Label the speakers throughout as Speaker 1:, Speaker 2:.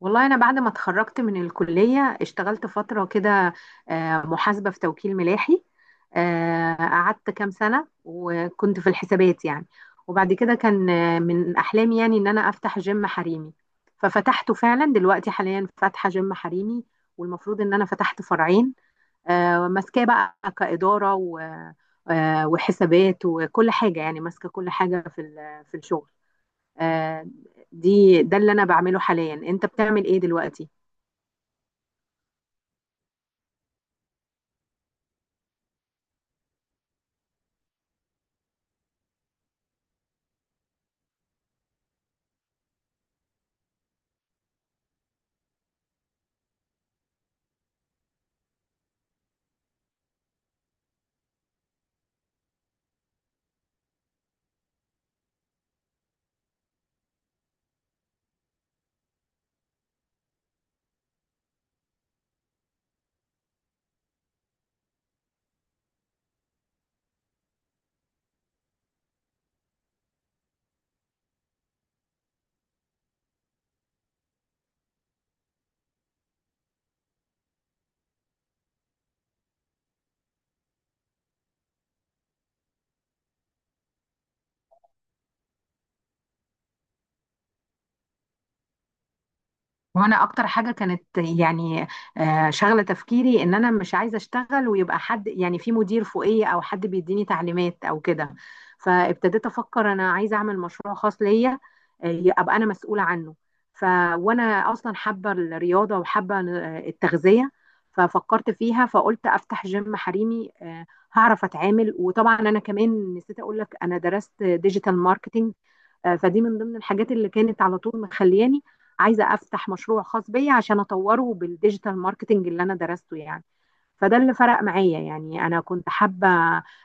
Speaker 1: والله أنا بعد ما اتخرجت من الكلية اشتغلت فترة كده. محاسبة في توكيل ملاحي. قعدت كام سنة وكنت في الحسابات يعني. وبعد كده كان من أحلامي يعني إن أنا أفتح جيم حريمي. ففتحته فعلا، دلوقتي حاليا فاتحة جيم حريمي، والمفروض إن أنا فتحت فرعين. ماسكاه بقى كإدارة وحسابات وكل حاجة، يعني ماسكة كل حاجة في الشغل. آه، ده اللي أنا بعمله حاليا. أنت بتعمل إيه دلوقتي؟ وانا اكتر حاجه كانت يعني شغله تفكيري، ان انا مش عايزه اشتغل ويبقى حد يعني في مدير فوقيه او حد بيديني تعليمات او كده. فابتديت افكر انا عايزه اعمل مشروع خاص ليا، ابقى انا مسؤوله عنه. ف وانا اصلا حابه الرياضه وحابه التغذيه. ففكرت فيها فقلت افتح جيم حريمي. هعرف اتعامل. وطبعا انا كمان نسيت اقول لك انا درست ديجيتال ماركتينج. فدي من ضمن الحاجات اللي كانت على طول مخلياني عايزه افتح مشروع خاص بيا عشان اطوره بالديجيتال ماركتنج اللي انا درسته يعني. فده اللي فرق معايا، يعني انا كنت حابه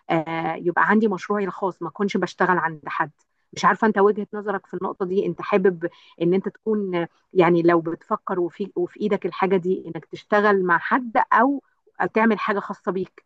Speaker 1: يبقى عندي مشروعي الخاص، ما اكونش بشتغل عند حد. مش عارفه انت وجهه نظرك في النقطه دي، انت حابب ان انت تكون يعني لو بتفكر، وفي ايدك الحاجه دي، انك تشتغل مع حد او تعمل حاجه خاصه بيك؟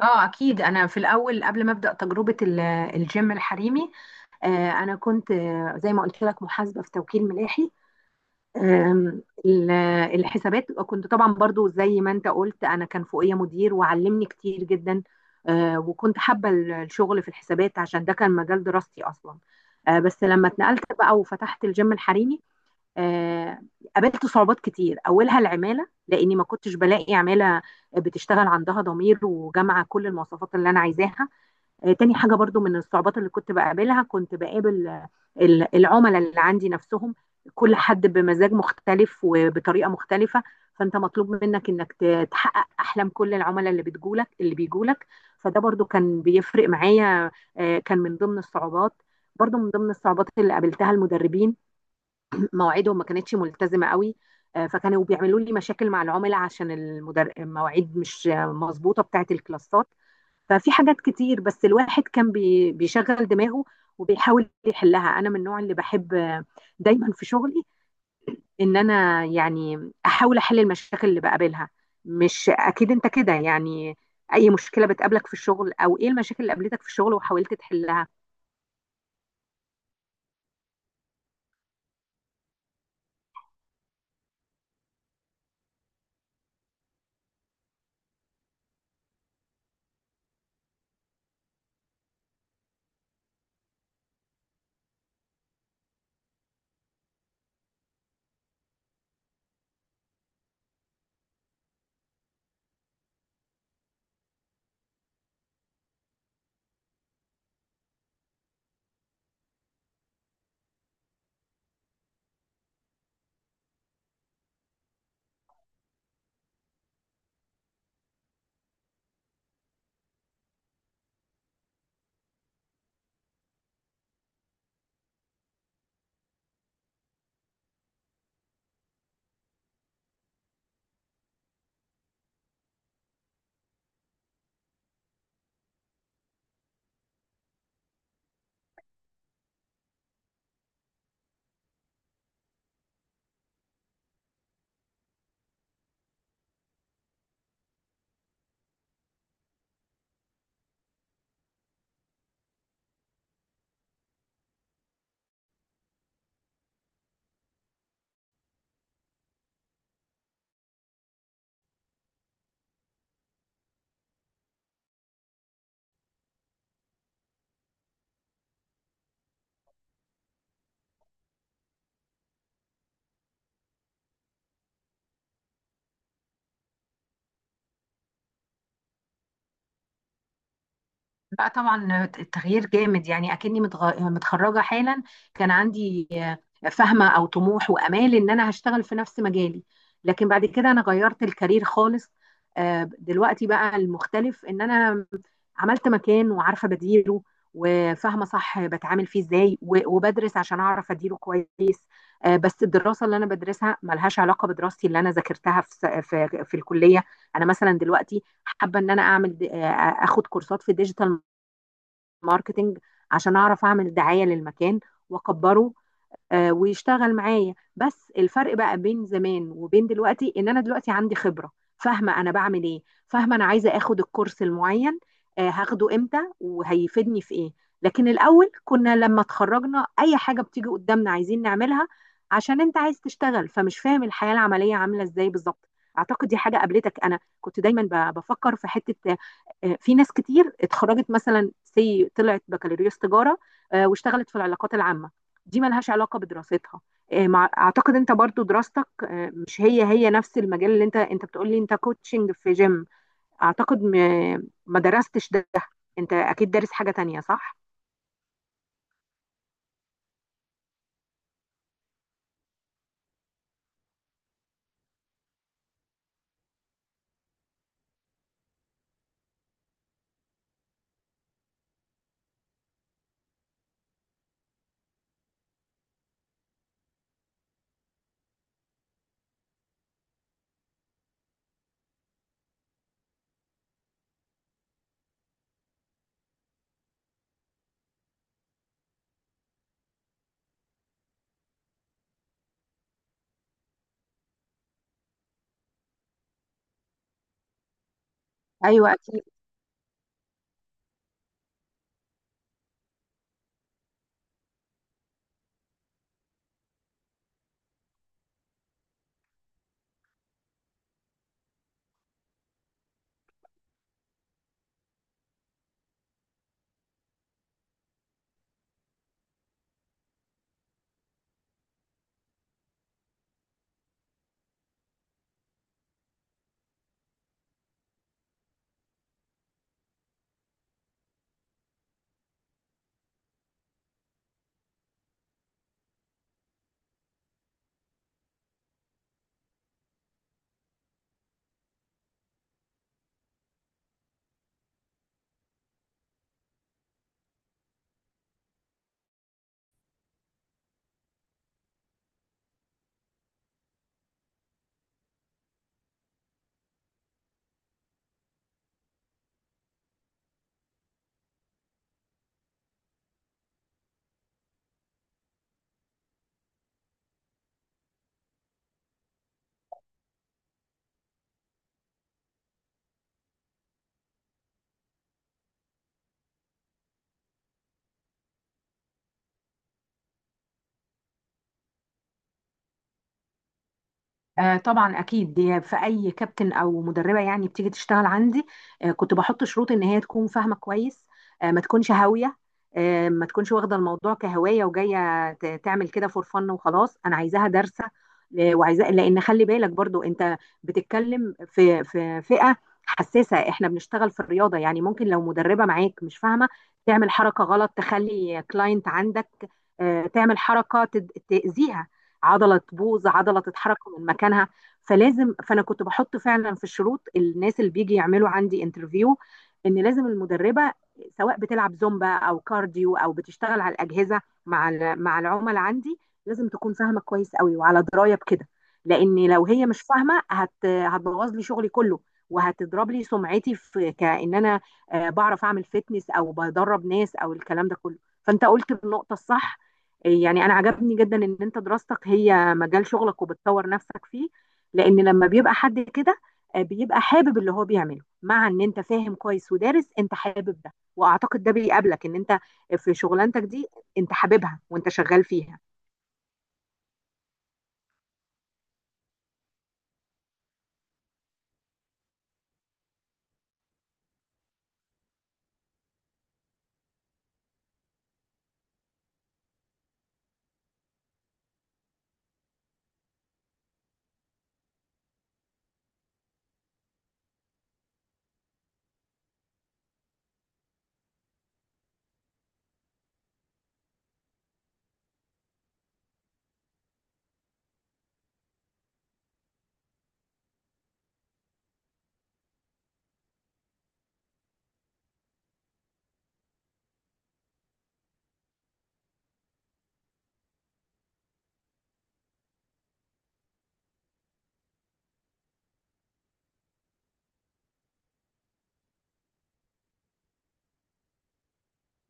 Speaker 1: اه اكيد. انا في الاول قبل ما ابدا تجربه الجيم الحريمي، انا كنت زي ما قلت لك محاسبه في توكيل ملاحي. آم، ال- الحسابات كنت طبعا برضو زي ما انت قلت، انا كان فوقيا مدير وعلمني كتير جدا. وكنت حابه الشغل في الحسابات عشان ده كان مجال دراستي اصلا. بس لما اتنقلت بقى وفتحت الجيم الحريمي، آه، قابلت صعوبات كتير، اولها العماله، لاني ما كنتش بلاقي عماله بتشتغل عندها ضمير وجامعه كل المواصفات اللي انا عايزاها. تاني حاجه برضو من الصعوبات اللي كنت بقابلها، كنت بقابل العملاء اللي عندي نفسهم، كل حد بمزاج مختلف وبطريقه مختلفه، فانت مطلوب منك تحقق احلام كل العملاء اللي بيجولك. فده برضو كان بيفرق معايا، كان من ضمن الصعوبات. برضو من ضمن الصعوبات اللي قابلتها المدربين، مواعيدهم ما كانتش ملتزمه قوي. فكانوا بيعملوا لي مشاكل مع العملاء عشان المواعيد مش مظبوطه بتاعه الكلاسات. ففي حاجات كتير، بس الواحد كان بيشغل دماغه وبيحاول يحلها. انا من النوع اللي بحب دايما في شغلي ان انا يعني احاول احل المشاكل اللي بقابلها. مش اكيد انت كده يعني؟ اي مشكله بتقابلك في الشغل، او ايه المشاكل اللي قابلتك في الشغل وحاولت تحلها؟ لا طبعا، التغيير جامد. يعني اكني متخرجه حالا. كان عندي فهمه او طموح وامال ان انا هشتغل في نفس مجالي، لكن بعد كده انا غيرت الكارير خالص. دلوقتي بقى المختلف ان انا عملت مكان وعارفه بديره وفاهمه صح بتعامل فيه ازاي، وبدرس عشان اعرف اديره كويس. بس الدراسه اللي انا بدرسها ملهاش علاقه بدراستي اللي انا ذاكرتها في س- في في الكليه. انا مثلا دلوقتي حابه ان انا اعمل اخد كورسات في ديجيتال ماركتينج عشان اعرف اعمل دعايه للمكان واكبره، ويشتغل معايا. بس الفرق بقى بين زمان وبين دلوقتي ان انا دلوقتي عندي خبرة، فاهمة انا بعمل ايه، فاهمة انا عايزة اخد الكورس المعين هاخده امتى وهيفيدني في ايه. لكن الاول كنا لما اتخرجنا اي حاجة بتيجي قدامنا عايزين نعملها، عشان انت عايز تشتغل فمش فاهم الحياة العملية عاملة ازاي بالظبط. اعتقد دي حاجة قابلتك. انا كنت دايما بفكر في حتة، في ناس كتير اتخرجت، مثلا سي طلعت بكالوريوس تجارة، واشتغلت في العلاقات العامة، دي ملهاش علاقة بدراستها. اعتقد انت برضو دراستك مش هي هي نفس المجال، اللي انت بتقولي انت كوتشنج في جيم. اعتقد ما درستش ده، انت اكيد دارس حاجة تانية، صح؟ ايوه اكيد. طبعا اكيد، دي في اي كابتن او مدربه يعني بتيجي تشتغل عندي كنت بحط شروط ان هي تكون فاهمه كويس، ما تكونش هاويه، ما تكونش واخده الموضوع كهوايه وجايه تعمل كده فور فن وخلاص. انا عايزاها دارسه، وعايزاه، لان خلي بالك برضو، انت بتتكلم في فئه حساسه، احنا بنشتغل في الرياضه. يعني ممكن لو مدربه معاك مش فاهمه، تعمل حركه غلط، تخلي كلاينت عندك تعمل حركه تاذيها، عضله تبوظ، عضله تتحرك من مكانها. فانا كنت بحط فعلا في الشروط، الناس اللي بيجي يعملوا عندي انترفيو، ان لازم المدربه سواء بتلعب زومبا او كارديو او بتشتغل على الاجهزه مع العملاء عندي، لازم تكون فاهمه كويس قوي وعلى درايه بكده. لان لو هي مش فاهمه، هتبوظ لي شغلي كله، وهتضرب لي سمعتي، في كأن انا بعرف اعمل فيتنس او بدرب ناس او الكلام ده كله. فانت قلت النقطه الصح، يعني انا عجبني جدا ان انت دراستك هي مجال شغلك وبتطور نفسك فيه. لان لما بيبقى حد كده، بيبقى حابب اللي هو بيعمله. مع ان انت فاهم كويس ودارس، انت حابب ده، واعتقد ده بيقابلك ان انت في شغلانتك دي انت حاببها وانت شغال فيها.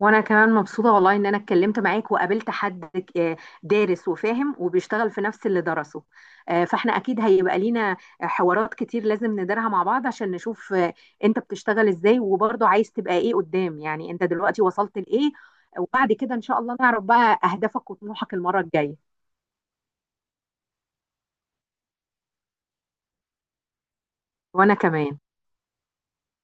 Speaker 1: وانا كمان مبسوطه والله ان انا اتكلمت معاك وقابلت حد دارس وفاهم وبيشتغل في نفس اللي درسه. فاحنا اكيد هيبقى لينا حوارات كتير لازم ندارها مع بعض، عشان نشوف انت بتشتغل ازاي وبرضه عايز تبقى ايه قدام. يعني انت دلوقتي وصلت لايه، وبعد كده ان شاء الله نعرف بقى اهدافك وطموحك المره الجايه. وانا كمان